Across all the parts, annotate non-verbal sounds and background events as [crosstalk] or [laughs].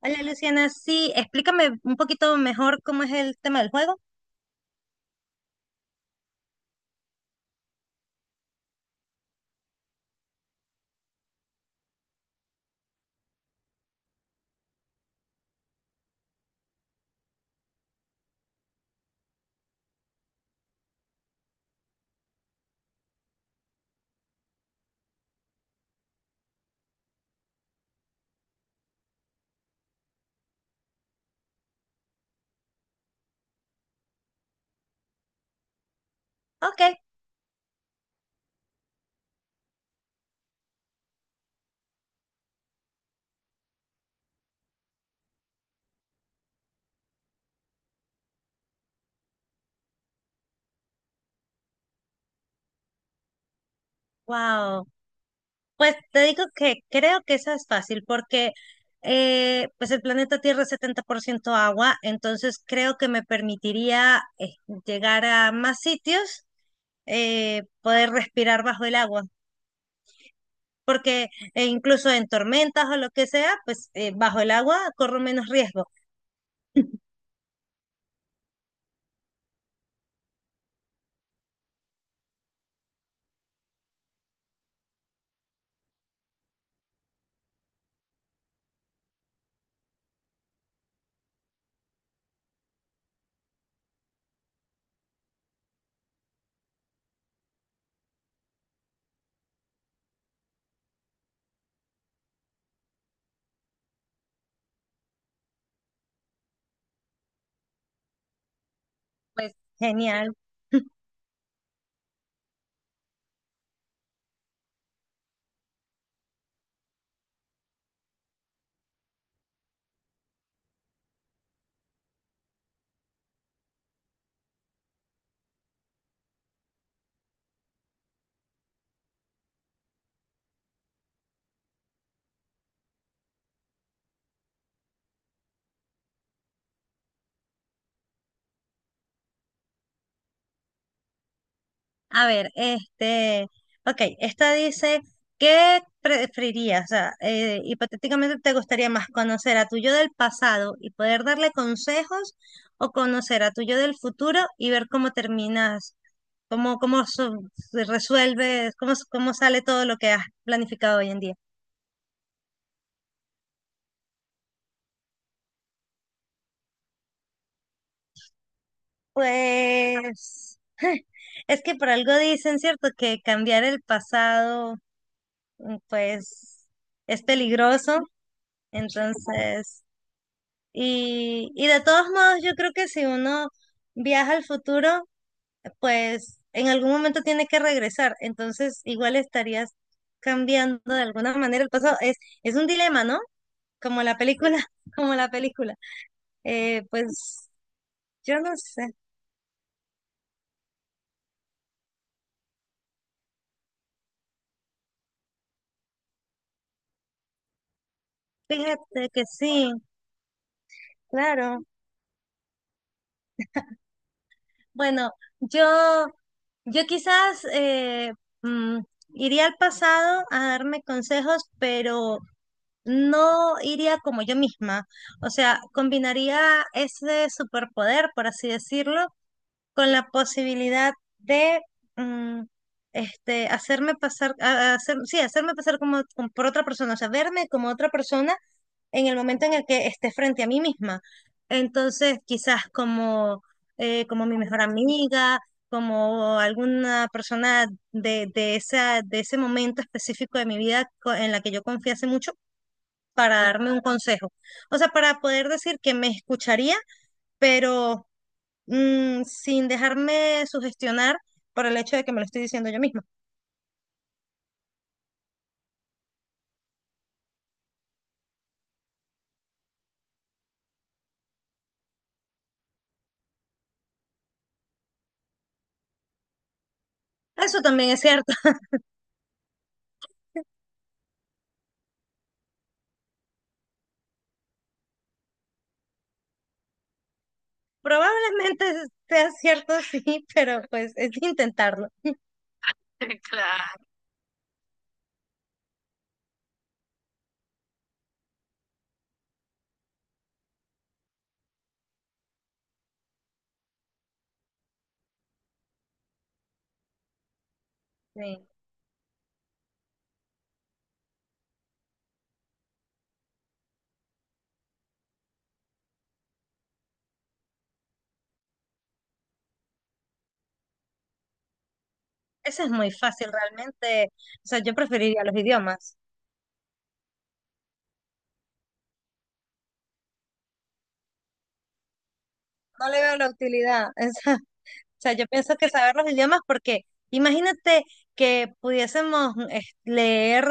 Hola Luciana, sí, explícame un poquito mejor cómo es el tema del juego. Ok, wow. Pues te digo que creo que esa es fácil porque pues el planeta Tierra es 70% agua, entonces creo que me permitiría llegar a más sitios, poder respirar bajo el agua, porque incluso en tormentas o lo que sea, pues bajo el agua corro menos riesgo. Pues genial. [laughs] A ver, este, ok, esta dice, ¿qué preferirías? O sea, hipotéticamente te gustaría más conocer a tu yo del pasado y poder darle consejos o conocer a tu yo del futuro y ver cómo terminas, cómo se resuelves, cómo sale todo lo que has planificado hoy en día. Pues, [laughs] es que por algo dicen, ¿cierto? Que cambiar el pasado, pues, es peligroso, entonces... Y de todos modos, yo creo que si uno viaja al futuro, pues en algún momento tiene que regresar. Entonces, igual estarías cambiando de alguna manera el pasado. Es un dilema, ¿no? Como la película, [laughs] como la película. Pues yo no sé. Fíjate que sí, claro. Bueno, yo, yo quizás mm, iría al pasado a darme consejos, pero no iría como yo misma, o sea, combinaría ese superpoder, por así decirlo, con la posibilidad de mm, hacerme pasar, a hacer- sí, hacerme pasar como, como por otra persona, o sea, verme como otra persona en el momento en el que esté frente a mí misma. Entonces, quizás como, como mi mejor amiga, como alguna persona de esa, de ese momento específico de mi vida en la que yo confiase mucho para darme un consejo. O sea, para poder decir que me escucharía, pero sin dejarme sugestionar por el hecho de que me lo estoy diciendo yo misma. Eso también es cierto. [laughs] Probablemente sea cierto, [laughs] sí, pero pues es intentarlo. [laughs] Claro. Sí. Eso es muy fácil realmente. O sea, yo preferiría los idiomas. No le veo la utilidad. [laughs] O sea, yo pienso que saber los idiomas porque imagínate que pudiésemos leer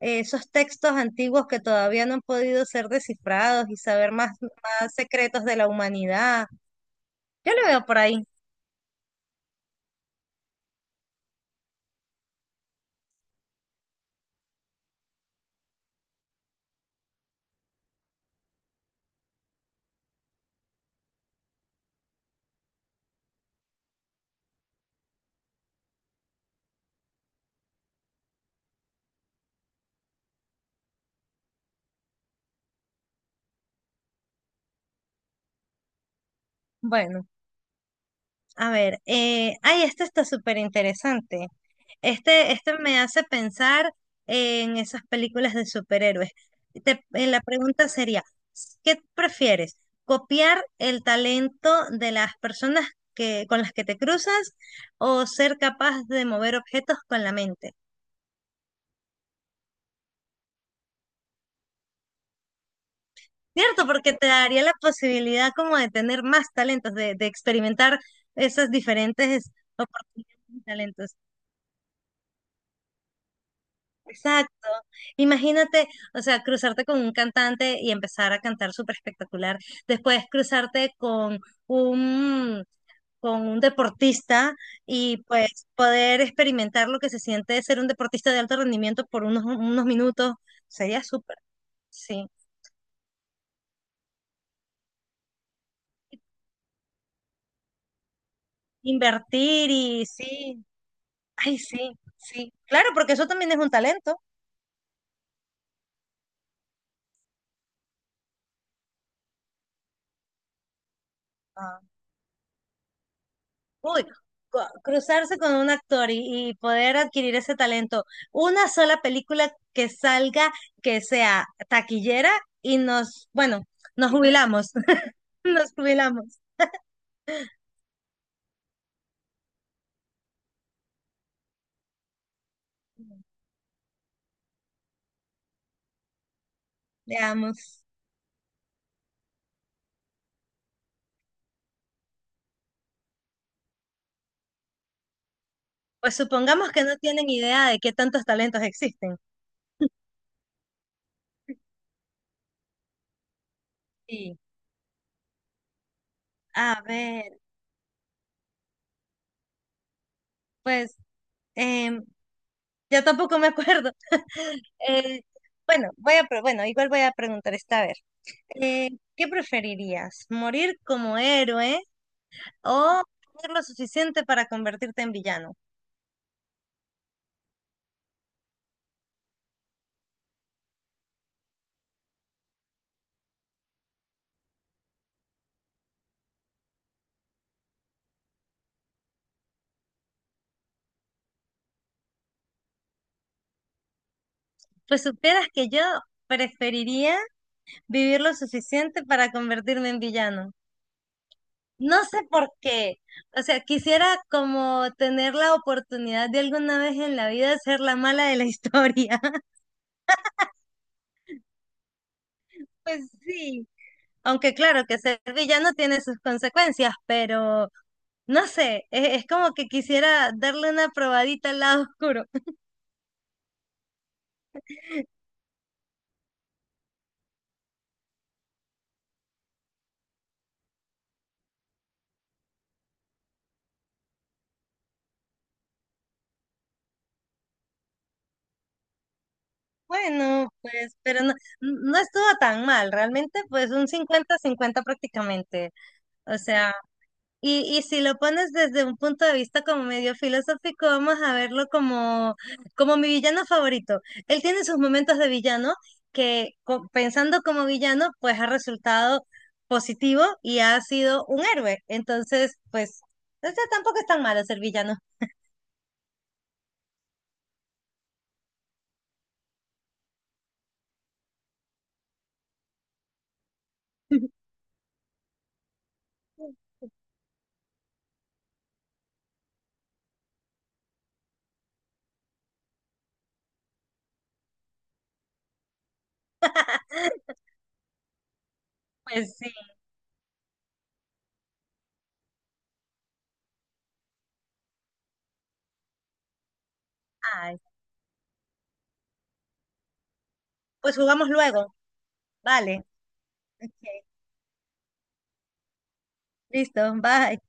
esos textos antiguos que todavía no han podido ser descifrados y saber más, más secretos de la humanidad. Yo lo veo por ahí. Bueno. A ver, ay, este está súper interesante. Este me hace pensar en esas películas de superhéroes. La pregunta sería, ¿qué prefieres? ¿Copiar el talento de las personas que, con las que te cruzas o ser capaz de mover objetos con la mente? Cierto, porque te daría la posibilidad como de tener más talentos, de experimentar esas diferentes oportunidades y talentos. Exacto. Imagínate, o sea, cruzarte con un cantante y empezar a cantar súper espectacular. Después cruzarte con un, con un deportista y pues poder experimentar lo que se siente ser un deportista de alto rendimiento por unos minutos. Sería súper, sí. Invertir y sí. Ay, sí, sí. Claro, porque eso también es un talento. Ah. Uy, cruzarse con un actor y poder adquirir ese talento. Una sola película que salga, que sea taquillera y nos jubilamos, [laughs] nos jubilamos, veamos. Pues supongamos que no tienen idea de qué tantos talentos existen. Sí. A ver, pues em, yo tampoco me acuerdo. [laughs] Eh, bueno, bueno, igual voy a preguntar esta vez. Eh, ¿Qué preferirías? ¿Morir como héroe o tener lo suficiente para convertirte en villano? Pues supieras que yo preferiría vivir lo suficiente para convertirme en villano. No sé por qué. O sea, quisiera como tener la oportunidad de alguna vez en la vida ser la mala de la historia. [laughs] Pues sí. Aunque claro que ser villano tiene sus consecuencias, pero no sé, es como que quisiera darle una probadita al lado oscuro. Bueno, pues, no estuvo tan mal, realmente, pues un cincuenta-cincuenta prácticamente. O sea, y si lo pones desde un punto de vista como medio filosófico, vamos a verlo como, como mi villano favorito. Él tiene sus momentos de villano que pensando como villano, pues ha resultado positivo y ha sido un héroe. Entonces, pues, o sea, tampoco es tan malo ser villano. [laughs] Pues sí, ay, pues jugamos luego, vale. Ok. Listo, bye.